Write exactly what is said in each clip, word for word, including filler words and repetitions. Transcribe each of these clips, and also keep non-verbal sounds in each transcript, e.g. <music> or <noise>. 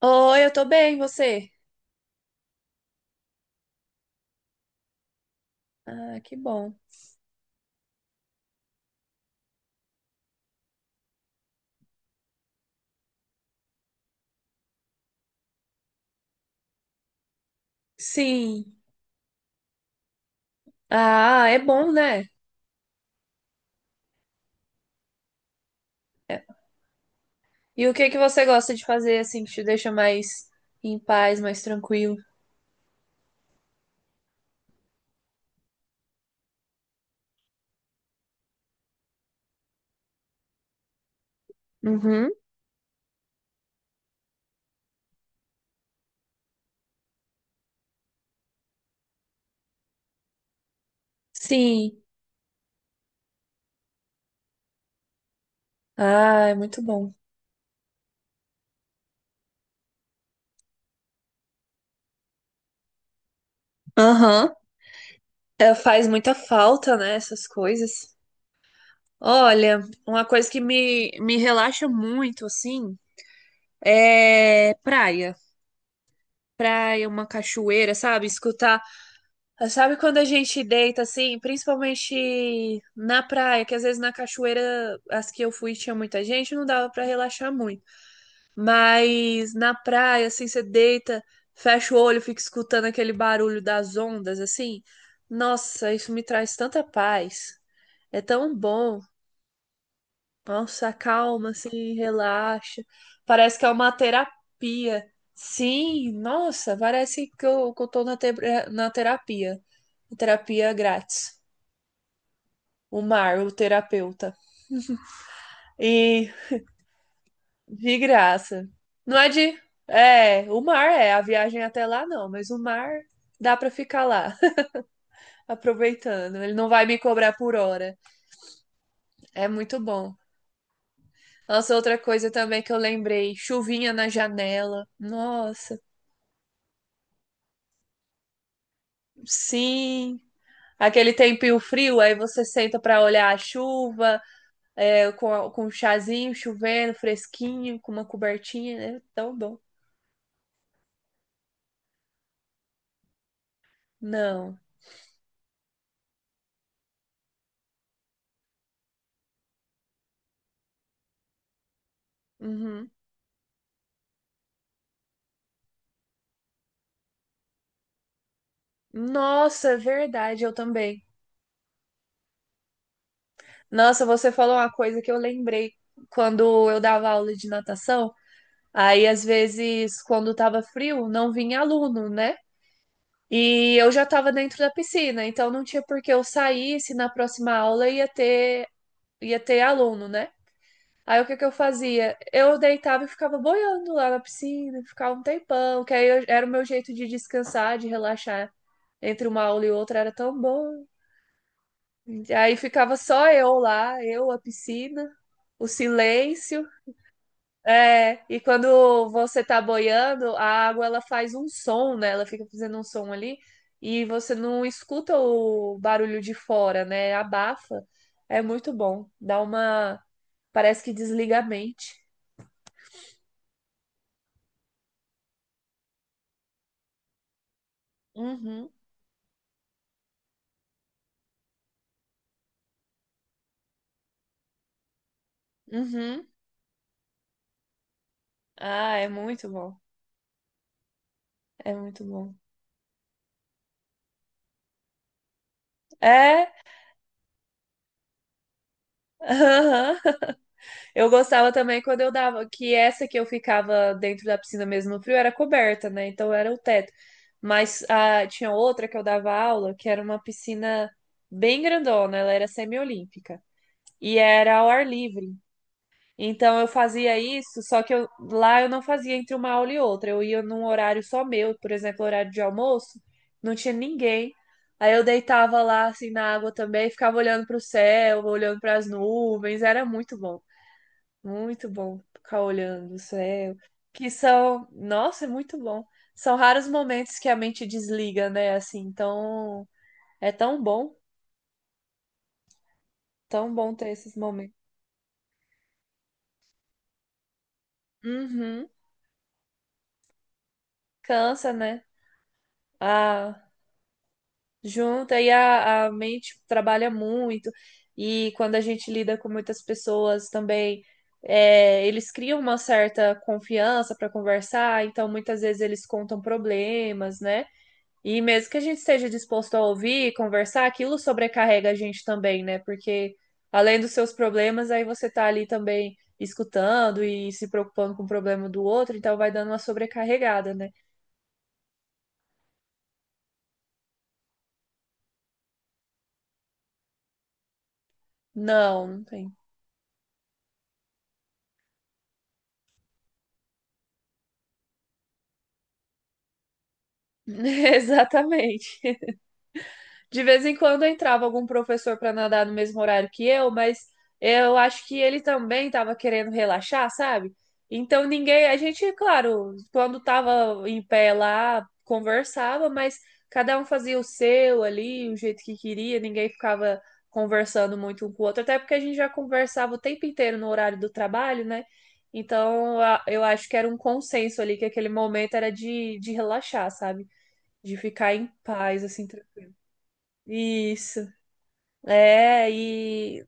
Oi, eu tô bem, e você? Ah, que bom. Sim. Ah, é bom, né? É. E o que que você gosta de fazer assim que te deixa mais em paz, mais tranquilo? Uhum. Sim. Ah, é muito bom. Aham. É, faz muita falta, né, essas coisas. Olha, uma coisa que me, me relaxa muito, assim, é praia. Praia, uma cachoeira, sabe? Escutar. Sabe quando a gente deita assim, principalmente na praia, que às vezes na cachoeira, as que eu fui tinha muita gente, não dava pra relaxar muito. Mas na praia, assim, você deita, fecha o olho, fica escutando aquele barulho das ondas, assim. Nossa, isso me traz tanta paz. É tão bom. Nossa, acalma, assim, relaxa. Parece que é uma terapia. Sim, nossa, parece que eu, que eu tô na, te- na terapia. Terapia grátis. O mar, o terapeuta. E de graça. Não é de. É, o mar é, a viagem até lá não, mas o mar dá pra ficar lá, <laughs> aproveitando. Ele não vai me cobrar por hora. É muito bom. Nossa, outra coisa também que eu lembrei, chuvinha na janela. Nossa, sim. Aquele tempinho frio, aí você senta pra olhar a chuva, é, com, com um chazinho chovendo, fresquinho, com uma cobertinha, é tão bom. Não. Uhum. Nossa, é verdade, eu também. Nossa, você falou uma coisa que eu lembrei quando eu dava aula de natação. Aí, às vezes, quando tava frio, não vinha aluno, né? E eu já estava dentro da piscina, então não tinha por que eu sair se na próxima aula ia ter, ia ter aluno, né? Aí o que que eu fazia? Eu deitava e ficava boiando lá na piscina, ficava um tempão, que aí eu- era o meu jeito de descansar, de relaxar entre uma aula e outra, era tão bom. E aí ficava só eu lá, eu, a piscina, o silêncio. É, e quando você tá boiando, a água ela faz um som, né? Ela fica fazendo um som ali e você não escuta o barulho de fora, né? Abafa. É muito bom. Dá uma. Parece que desliga a mente. Uhum, uhum. Ah, é muito bom. É muito bom. É, <laughs> aham. Eu gostava também quando eu dava, que essa que eu ficava dentro da piscina mesmo no frio era coberta, né? Então era o teto. Mas ah, tinha outra que eu dava aula, que era uma piscina bem grandona, ela era semiolímpica e era ao ar livre. Então eu fazia isso, só que eu- lá eu não fazia entre uma aula e outra. Eu ia num horário só meu, por exemplo, horário de almoço, não tinha ninguém. Aí eu deitava lá assim na água também, ficava olhando para o céu, olhando para as nuvens, era muito bom. Muito bom ficar olhando o céu. Que são, nossa, é muito bom. São raros momentos que a mente desliga, né? Assim, então é tão bom, tão bom ter esses momentos. Uhum. Cansa, né? A junta e a, a mente trabalha muito. E quando a gente lida com muitas pessoas também, é, eles criam uma certa confiança para conversar, então muitas vezes eles contam problemas, né? E mesmo que a gente esteja disposto a ouvir e conversar, aquilo sobrecarrega a gente também, né? Porque além dos seus problemas, aí você tá ali também escutando e se preocupando com o problema do outro, então vai dando uma sobrecarregada, né? Não, não tem. <laughs> Exatamente. De vez em quando entrava algum professor para nadar no mesmo horário que eu, mas eu acho que ele também estava querendo relaxar, sabe? Então ninguém, a gente, claro, quando estava em pé lá, conversava, mas cada um fazia o seu ali, o jeito que queria, ninguém ficava conversando muito um com o outro, até porque a gente já conversava o tempo inteiro no horário do trabalho, né? Então a- eu acho que era um consenso ali que aquele momento era de, de relaxar, sabe? De ficar em paz, assim. tra- Isso. É, e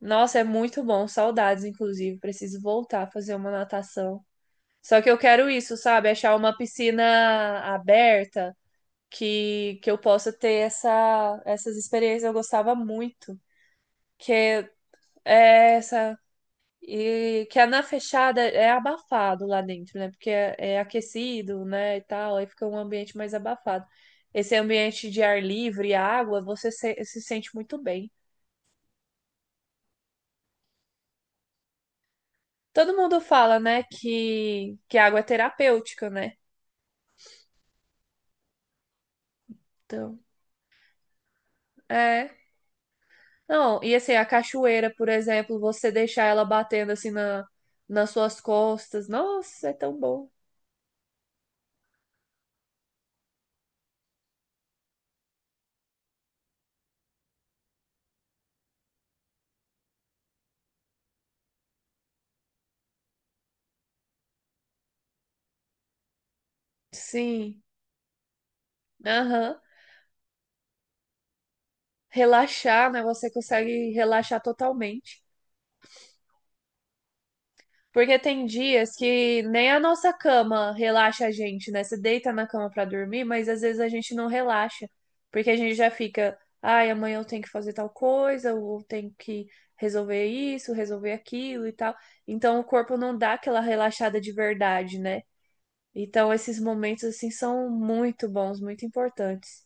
nossa, é muito bom, saudades, inclusive. Preciso voltar a fazer uma natação. Só que eu quero isso, sabe? Achar uma piscina aberta que, que eu possa ter essa, essas experiências. Eu gostava muito. Que é essa. E que a na fechada é abafado lá dentro, né? Porque é, é aquecido, né? E tal, aí fica um ambiente mais abafado. Esse ambiente de ar livre e água, você se, se sente muito bem. Todo mundo fala, né, que, que a água é terapêutica, né? Então, é. Não, e assim, a cachoeira, por exemplo, você deixar ela batendo assim na, nas suas costas. Nossa, é tão bom. Sim. Aham. Relaxar, né? Você consegue relaxar totalmente. Porque tem dias que nem a nossa cama relaxa a gente, né? Você deita na cama pra dormir, mas às vezes a gente não relaxa, porque a gente já fica, ai, amanhã eu tenho que fazer tal coisa, ou tenho que resolver isso, resolver aquilo e tal. Então o corpo não dá aquela relaxada de verdade, né? Então esses momentos assim são muito bons, muito importantes.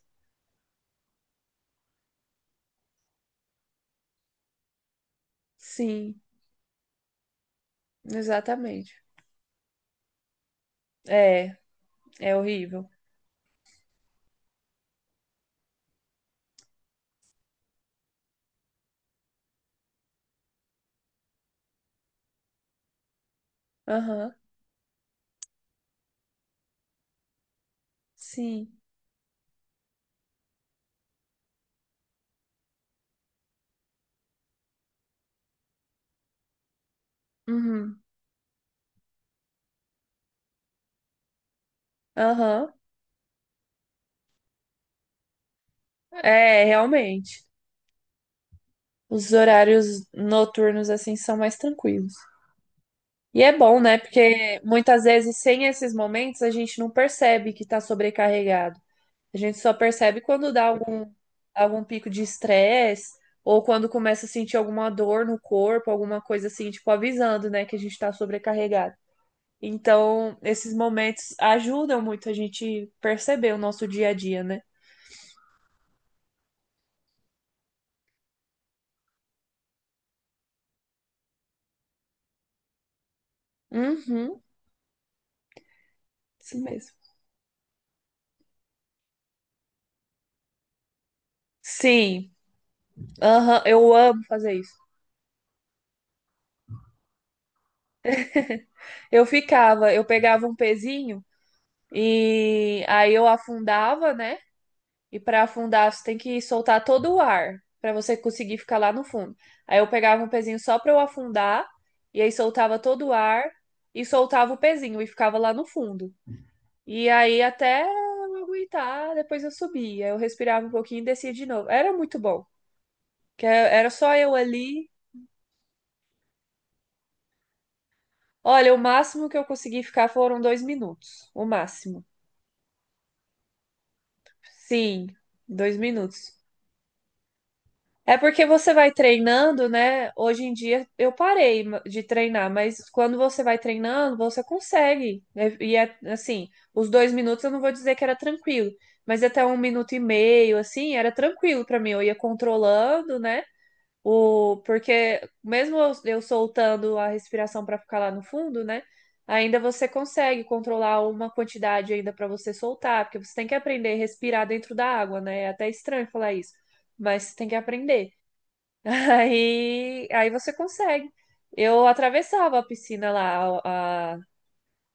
Sim, exatamente. É, é horrível. Aham, sim. Uhum. Aham, é, realmente. Os horários noturnos assim são mais tranquilos. E é bom, né? Porque muitas vezes sem esses momentos a gente não percebe que está sobrecarregado. A gente só percebe quando dá algum, algum pico de estresse ou quando começa a sentir alguma dor no corpo, alguma coisa assim, tipo avisando, né, que a gente está sobrecarregado. Então, esses momentos ajudam muito a gente perceber o nosso dia a dia, né? Uhum, isso mesmo. Sim, aham, eu amo fazer isso. Eu ficava, eu pegava um pezinho e aí eu afundava, né? E para afundar você tem que soltar todo o ar para você conseguir ficar lá no fundo. Aí eu pegava um pezinho só para eu afundar e aí soltava todo o ar e soltava o pezinho e ficava lá no fundo. E aí até eu aguentar, depois eu subia, eu respirava um pouquinho e descia de novo. Era muito bom, que era só eu ali. Olha, o máximo que eu consegui ficar foram dois minutos, o máximo. Sim, dois minutos. É porque você vai treinando, né? Hoje em dia eu parei de treinar, mas quando você vai treinando, você consegue. E e é assim, os dois minutos eu não vou dizer que era tranquilo, mas até um minuto e meio, assim, era tranquilo pra mim. Eu ia controlando, né? O, porque mesmo eu, eu soltando a respiração pra ficar lá no fundo, né? Ainda você consegue controlar uma quantidade ainda pra você soltar, porque você tem que aprender a respirar dentro da água, né? É até estranho falar isso, mas você tem que aprender. Aí, aí você consegue. Eu atravessava a piscina lá, a,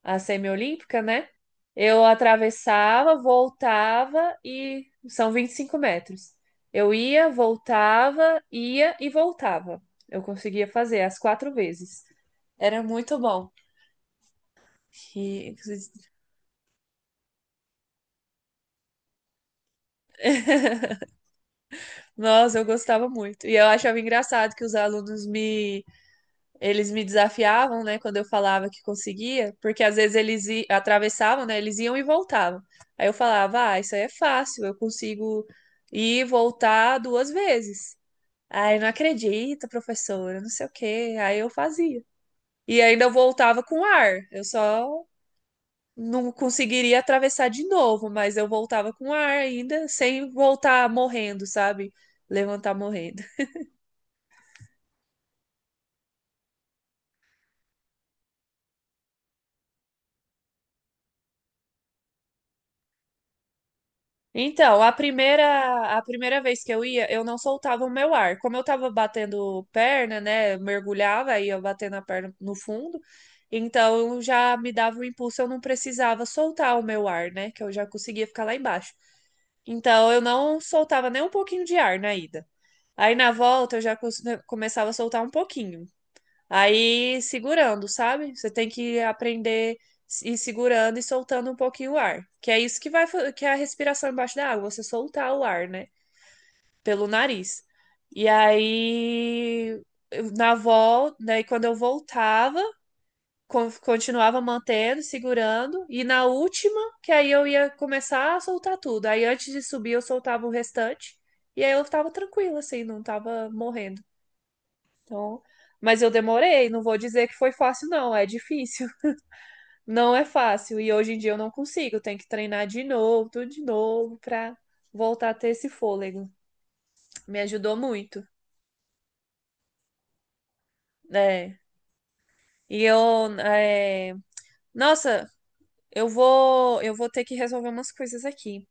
a semi-olímpica, né? Eu atravessava, voltava e são vinte e cinco metros. Eu ia, voltava, ia e voltava. Eu conseguia fazer as quatro vezes. Era muito bom. E, nossa, eu gostava muito. E eu achava engraçado que os alunos me. Eles me desafiavam, né, quando eu falava que conseguia, porque às vezes eles i- atravessavam, né, eles iam e voltavam. Aí eu falava, ah, isso aí é fácil, eu consigo ir e voltar duas vezes. Aí não acredita, professora, não sei o quê. Aí eu fazia. E ainda eu voltava com ar. Eu só não conseguiria atravessar de novo, mas eu voltava com ar ainda, sem voltar morrendo, sabe? Levantar morrendo. Então, a primeira, a primeira vez que eu ia, eu não soltava o meu ar. Como eu tava batendo perna, né? Mergulhava, aí eu batendo a perna no fundo. Então, já me dava um impulso, eu não precisava soltar o meu ar, né? Que eu já conseguia ficar lá embaixo. Então, eu não soltava nem um pouquinho de ar na ida. Aí, na volta, eu já cons- né, começava a soltar um pouquinho. Aí segurando, sabe? Você tem que aprender a ir segurando e soltando um pouquinho o ar. Que é isso que vai, fa- que é a respiração embaixo da água, você soltar o ar, né? Pelo nariz. E aí, eu- na volta, daí quando eu voltava, con- continuava mantendo, segurando. E na última, que aí eu ia começar a soltar tudo. Aí antes de subir, eu soltava o restante. E aí eu tava tranquila, assim, não tava morrendo. Então, mas eu demorei, não vou dizer que foi fácil, não, é difícil. <laughs> Não é fácil. E hoje em dia eu não consigo, tenho que treinar de novo, tudo de novo, pra voltar a ter esse fôlego. Me ajudou muito, né? E eu, é, nossa, eu vou, eu vou ter que resolver umas coisas aqui.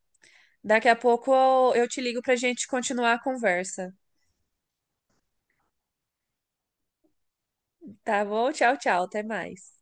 Daqui a pouco eu, eu, te ligo pra gente continuar a conversa. Tá bom? Tchau, tchau, até mais.